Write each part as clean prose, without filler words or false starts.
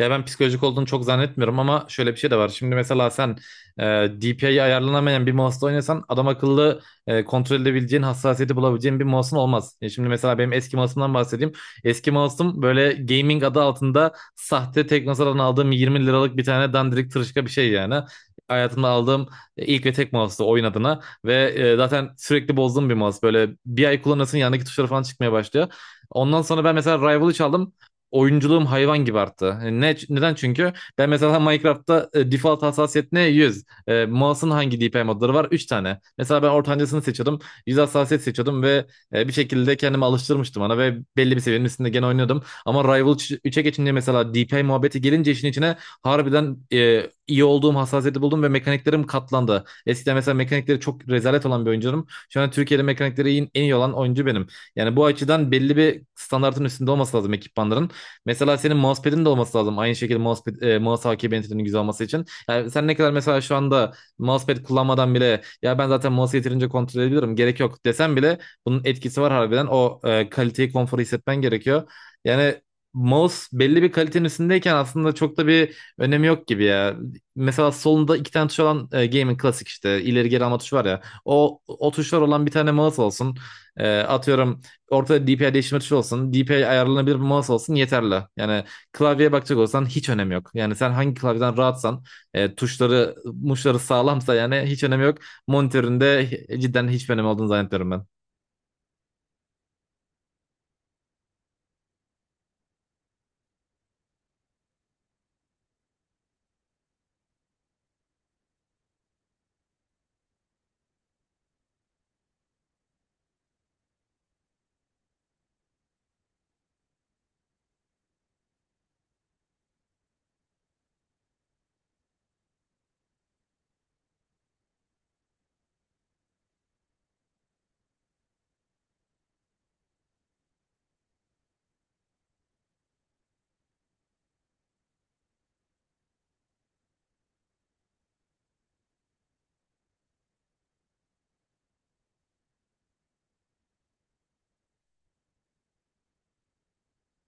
Ya ben psikolojik olduğunu çok zannetmiyorum ama şöyle bir şey de var. Şimdi mesela sen e, DPI'yi ayarlanamayan bir mouse'la oynasan adam akıllı kontrol edebileceğin, hassasiyeti bulabileceğin bir mouse'un olmaz. Şimdi mesela benim eski mouse'umdan bahsedeyim. Eski mouse'um böyle gaming adı altında sahte Teknosa'dan aldığım 20 liralık bir tane dandirik tırışka bir şey yani. Hayatımda aldığım ilk ve tek mouse'tu oyun adına ve zaten sürekli bozduğum bir mouse. Böyle bir ay kullanırsın, yanındaki tuşları falan çıkmaya başlıyor. Ondan sonra ben mesela Rival'ı çaldım, oyunculuğum hayvan gibi arttı. Hani neden, çünkü ben mesela Minecraft'ta default hassasiyet ne? 100. E, mouse'un hangi DPI modları var? 3 tane. Mesela ben ortancasını seçiyordum. 100 hassasiyet seçiyordum ve bir şekilde kendimi alıştırmıştım ona ve belli bir seviyenin üstünde gene oynuyordum. Ama Rival 3'e geçince, mesela DPI muhabbeti gelince işin içine, harbiden iyi olduğum hassasiyeti buldum ve mekaniklerim katlandı. Eskiden mesela mekanikleri çok rezalet olan bir oyuncuyum. Şu an Türkiye'de mekanikleri en iyi olan oyuncu benim. Yani bu açıdan belli bir standartın üstünde olması lazım ekipmanların. Mesela senin mousepad'in de olması lazım. Aynı şekilde mousepad, mouse hakimiyetinin güzel olması için. Yani sen ne kadar mesela şu anda mousepad kullanmadan bile, ya ben zaten mouse'u yeterince kontrol edebilirim gerek yok desem bile, bunun etkisi var harbiden. O kaliteyi, konforu hissetmen gerekiyor. Yani mouse belli bir kalitenin üstündeyken aslında çok da bir önemi yok gibi ya. Mesela solunda iki tane tuş olan gaming klasik, işte ileri geri alma tuşu var ya. O tuşlar olan bir tane mouse olsun. Atıyorum, ortada DPI değiştirme tuşu olsun. DPI ayarlanabilir bir mouse olsun, yeterli. Yani klavyeye bakacak olsan hiç önemi yok. Yani sen hangi klavyeden rahatsan, tuşları muşları sağlamsa, yani hiç önemi yok. Monitöründe cidden hiç önemi olduğunu zannetmiyorum ben.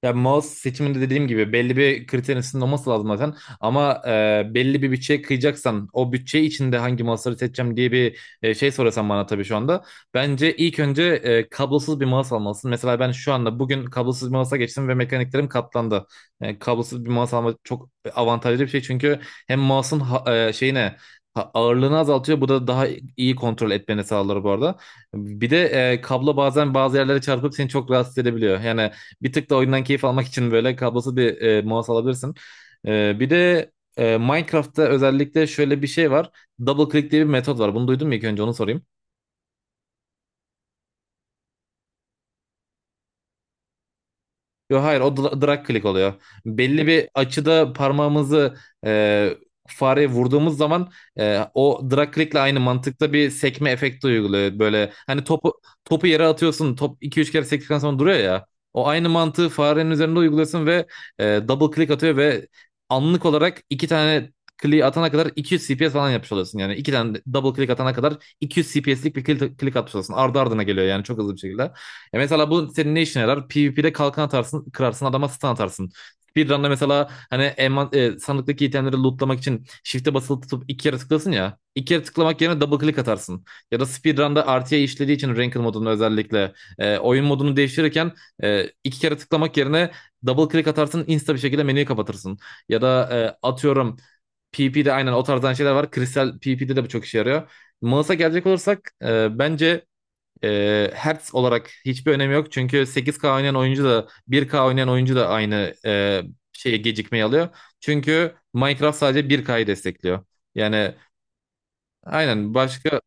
Ya mouse seçiminde dediğim gibi belli bir kriterin üstünde sınırlaması lazım zaten. Ama belli bir bütçeye kıyacaksan, o bütçe içinde hangi mouse'ları seçeceğim diye bir şey sorasan bana tabii şu anda, bence ilk önce kablosuz bir mouse almalısın. Mesela ben şu anda, bugün, kablosuz bir mouse'a geçtim ve mekaniklerim katlandı. Kablosuz bir mouse almak çok avantajlı bir şey, çünkü hem mouse'un ağırlığını azaltıyor. Bu da daha iyi kontrol etmeni sağlar bu arada. Bir de kablo bazen bazı yerlere çarpıp seni çok rahatsız edebiliyor. Yani bir tık da oyundan keyif almak için böyle kablosuz bir mouse alabilirsin. Bir de Minecraft'ta özellikle şöyle bir şey var. Double click diye bir metot var. Bunu duydun mu, ilk önce onu sorayım. Yok hayır, o drag click oluyor. Belli bir açıda parmağımızı e, fareye vurduğumuz zaman, o drag click'le aynı mantıkta bir sekme efekti uyguluyor. Böyle hani topu yere atıyorsun, top 2-3 kere sektikten sonra duruyor ya. O aynı mantığı farenin üzerinde uyguluyorsun ve double click atıyor ve anlık olarak iki tane click atana kadar 200 CPS falan yapmış oluyorsun. Yani iki tane double click atana kadar 200 CPS'lik bir click atmış oluyorsun. Ardı ardına geliyor yani, çok hızlı bir şekilde. Mesela bu senin ne işine yarar? PvP'de kalkan atarsın, kırarsın, adama stun atarsın. Speedrun'da mesela, hani, sandıktaki itemleri lootlamak için shift'e basılı tutup iki kere tıklasın ya. İki kere tıklamak yerine double click atarsın. Ya da speedrun'da RTA işlediği için ranked modunu özellikle, oyun modunu değiştirirken, iki kere tıklamak yerine double click atarsın, insta bir şekilde menüyü kapatırsın. Ya da atıyorum, PvP'de aynen o tarzdan şeyler var. Kristal PvP'de de bu çok işe yarıyor. Mouse'a gelecek olursak, bence hertz olarak hiçbir önemi yok. Çünkü 8K oynayan oyuncu da, 1K oynayan oyuncu da aynı şeye gecikmeyi alıyor. Çünkü Minecraft sadece 1K'yı destekliyor. Yani aynen, başka.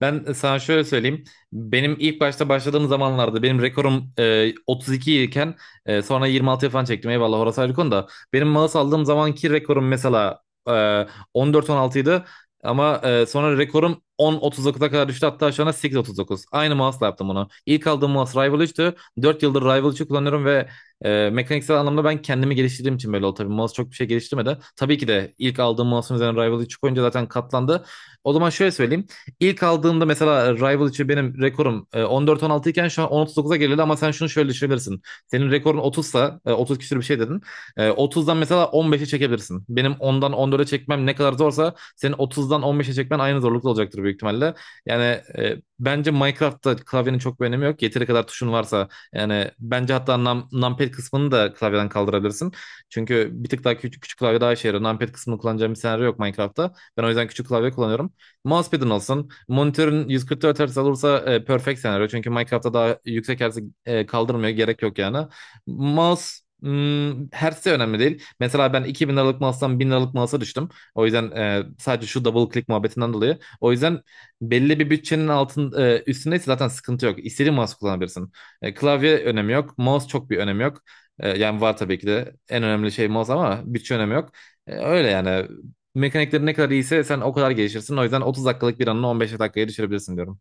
Ben sana şöyle söyleyeyim. Benim ilk başta başladığım zamanlarda benim rekorum 32 iken, sonra 26 falan çektim. Eyvallah, orası ayrı konu da. Benim mouse aldığım zamanki rekorum mesela e, 14-16 idi. Ama sonra rekorum 10.39'a kadar düştü. Hatta şu anda 8.39. Aynı mouse'la yaptım bunu. İlk aldığım mouse Rival 3'tü. 4 yıldır Rival 3'ü kullanıyorum ve mekaniksel anlamda ben kendimi geliştirdiğim için böyle oldu. Tabii mouse çok bir şey geliştirmedi. Tabii ki de ilk aldığım mouse'un üzerine Rival 3 koyunca zaten katlandı. O zaman şöyle söyleyeyim. İlk aldığımda mesela Rival için benim rekorum 14-16 iken şu an 10-39'a geriledi, ama sen şunu şöyle düşünebilirsin. Senin rekorun 30'sa, 30 küsür bir şey dedin. E, 30'dan mesela 15'e çekebilirsin. Benim 10'dan 14'e çekmem ne kadar zorsa, senin 30'dan 15'e çekmen aynı zorlukta olacaktır büyük ihtimalle. Yani bence Minecraft'ta klavyenin çok bir önemi yok. Yeteri kadar tuşun varsa yani, bence hatta numpad kısmını da klavyeden kaldırabilirsin. Çünkü bir tık daha küçük, küçük klavye daha işe yarıyor. Numpad kısmını kullanacağım bir senaryo yok Minecraft'ta. Ben o yüzden küçük klavye kullanıyorum. Mousepad'in olsun. Monitörün 144 Hz olursa, perfect senaryo. Çünkü Minecraft'ta daha yüksek hertz'i kaldırmıyor. Gerek yok yani. Mouse Hertz de önemli değil. Mesela ben 2000 liralık mouse'dan 1000 liralık mouse'a düştüm. O yüzden, sadece şu double click muhabbetinden dolayı. O yüzden belli bir bütçenin üstündeyse zaten sıkıntı yok. İstediğin mouse kullanabilirsin. Klavye önemi yok. Mouse çok bir önemi yok. Yani var, tabii ki de en önemli şey mouse, ama bütçe önemi yok. Öyle yani. Mekanikleri ne kadar iyiyse sen o kadar gelişirsin. O yüzden 30 dakikalık bir anını 15 dakikaya düşürebilirsin diyorum.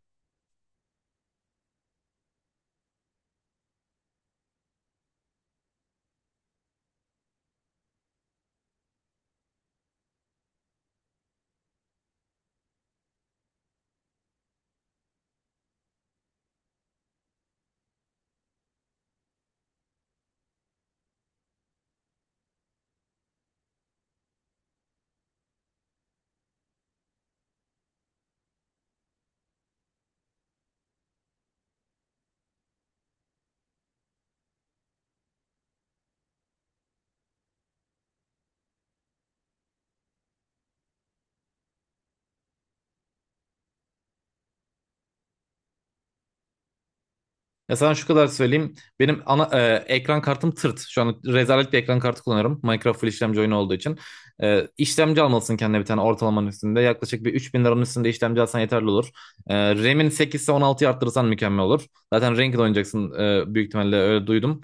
Ya sana şu kadar söyleyeyim. Benim ana ekran kartım tırt. Şu an rezalet bir ekran kartı kullanıyorum, Minecraft full işlemci oyunu olduğu için. E, işlemci almalısın kendine, bir tane ortalamanın üstünde. Yaklaşık bir 3.000 liranın üstünde işlemci alsan yeterli olur. E, RAM'in 8 ise 16'yı arttırırsan mükemmel olur. Zaten Ranked oynayacaksın büyük ihtimalle, öyle duydum.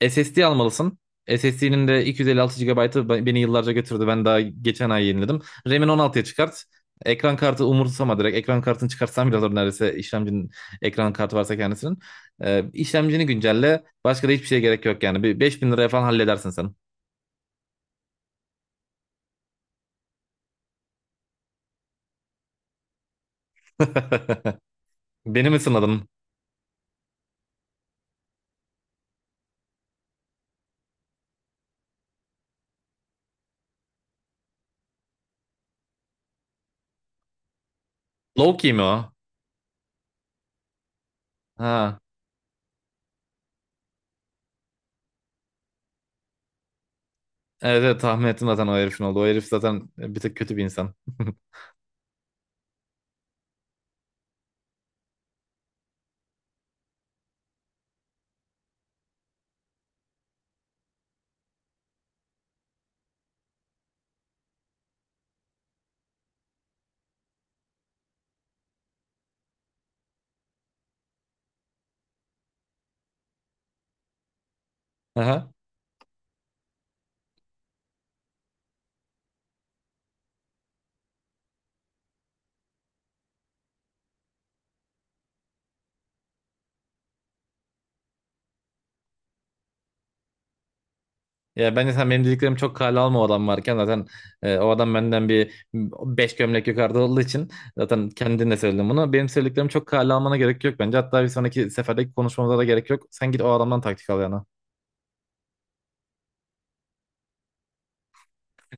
E, SSD almalısın. SSD'nin de 256 GB'ı beni yıllarca götürdü. Ben daha geçen ay yeniledim. RAM'in 16'ya çıkart. Ekran kartı umursama direkt. Ekran kartını çıkartsan bile olur neredeyse, işlemcinin ekran kartı varsa kendisinin. E, işlemcini güncelle. Başka da hiçbir şeye gerek yok yani. Bir 5.000 liraya falan halledersin sen. Beni mi sınadın? Low-key mi o? Ha. Evet, evet, tahmin ettim zaten o herifin oldu. O herif zaten bir tık kötü bir insan. Aha. Ya bence sen benim dediklerimi çok kale alma, o adam varken zaten, o adam benden bir 5 gömlek yukarıda olduğu için, zaten kendin de söyledin bunu. Benim söylediklerimi çok kale almana gerek yok bence. Hatta bir sonraki seferdeki konuşmamıza da gerek yok. Sen git o adamdan taktik al yana.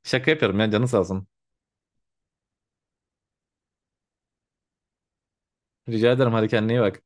Şaka yapıyorum ya, canı sağ olsun. Rica ederim, hadi kendine iyi bak.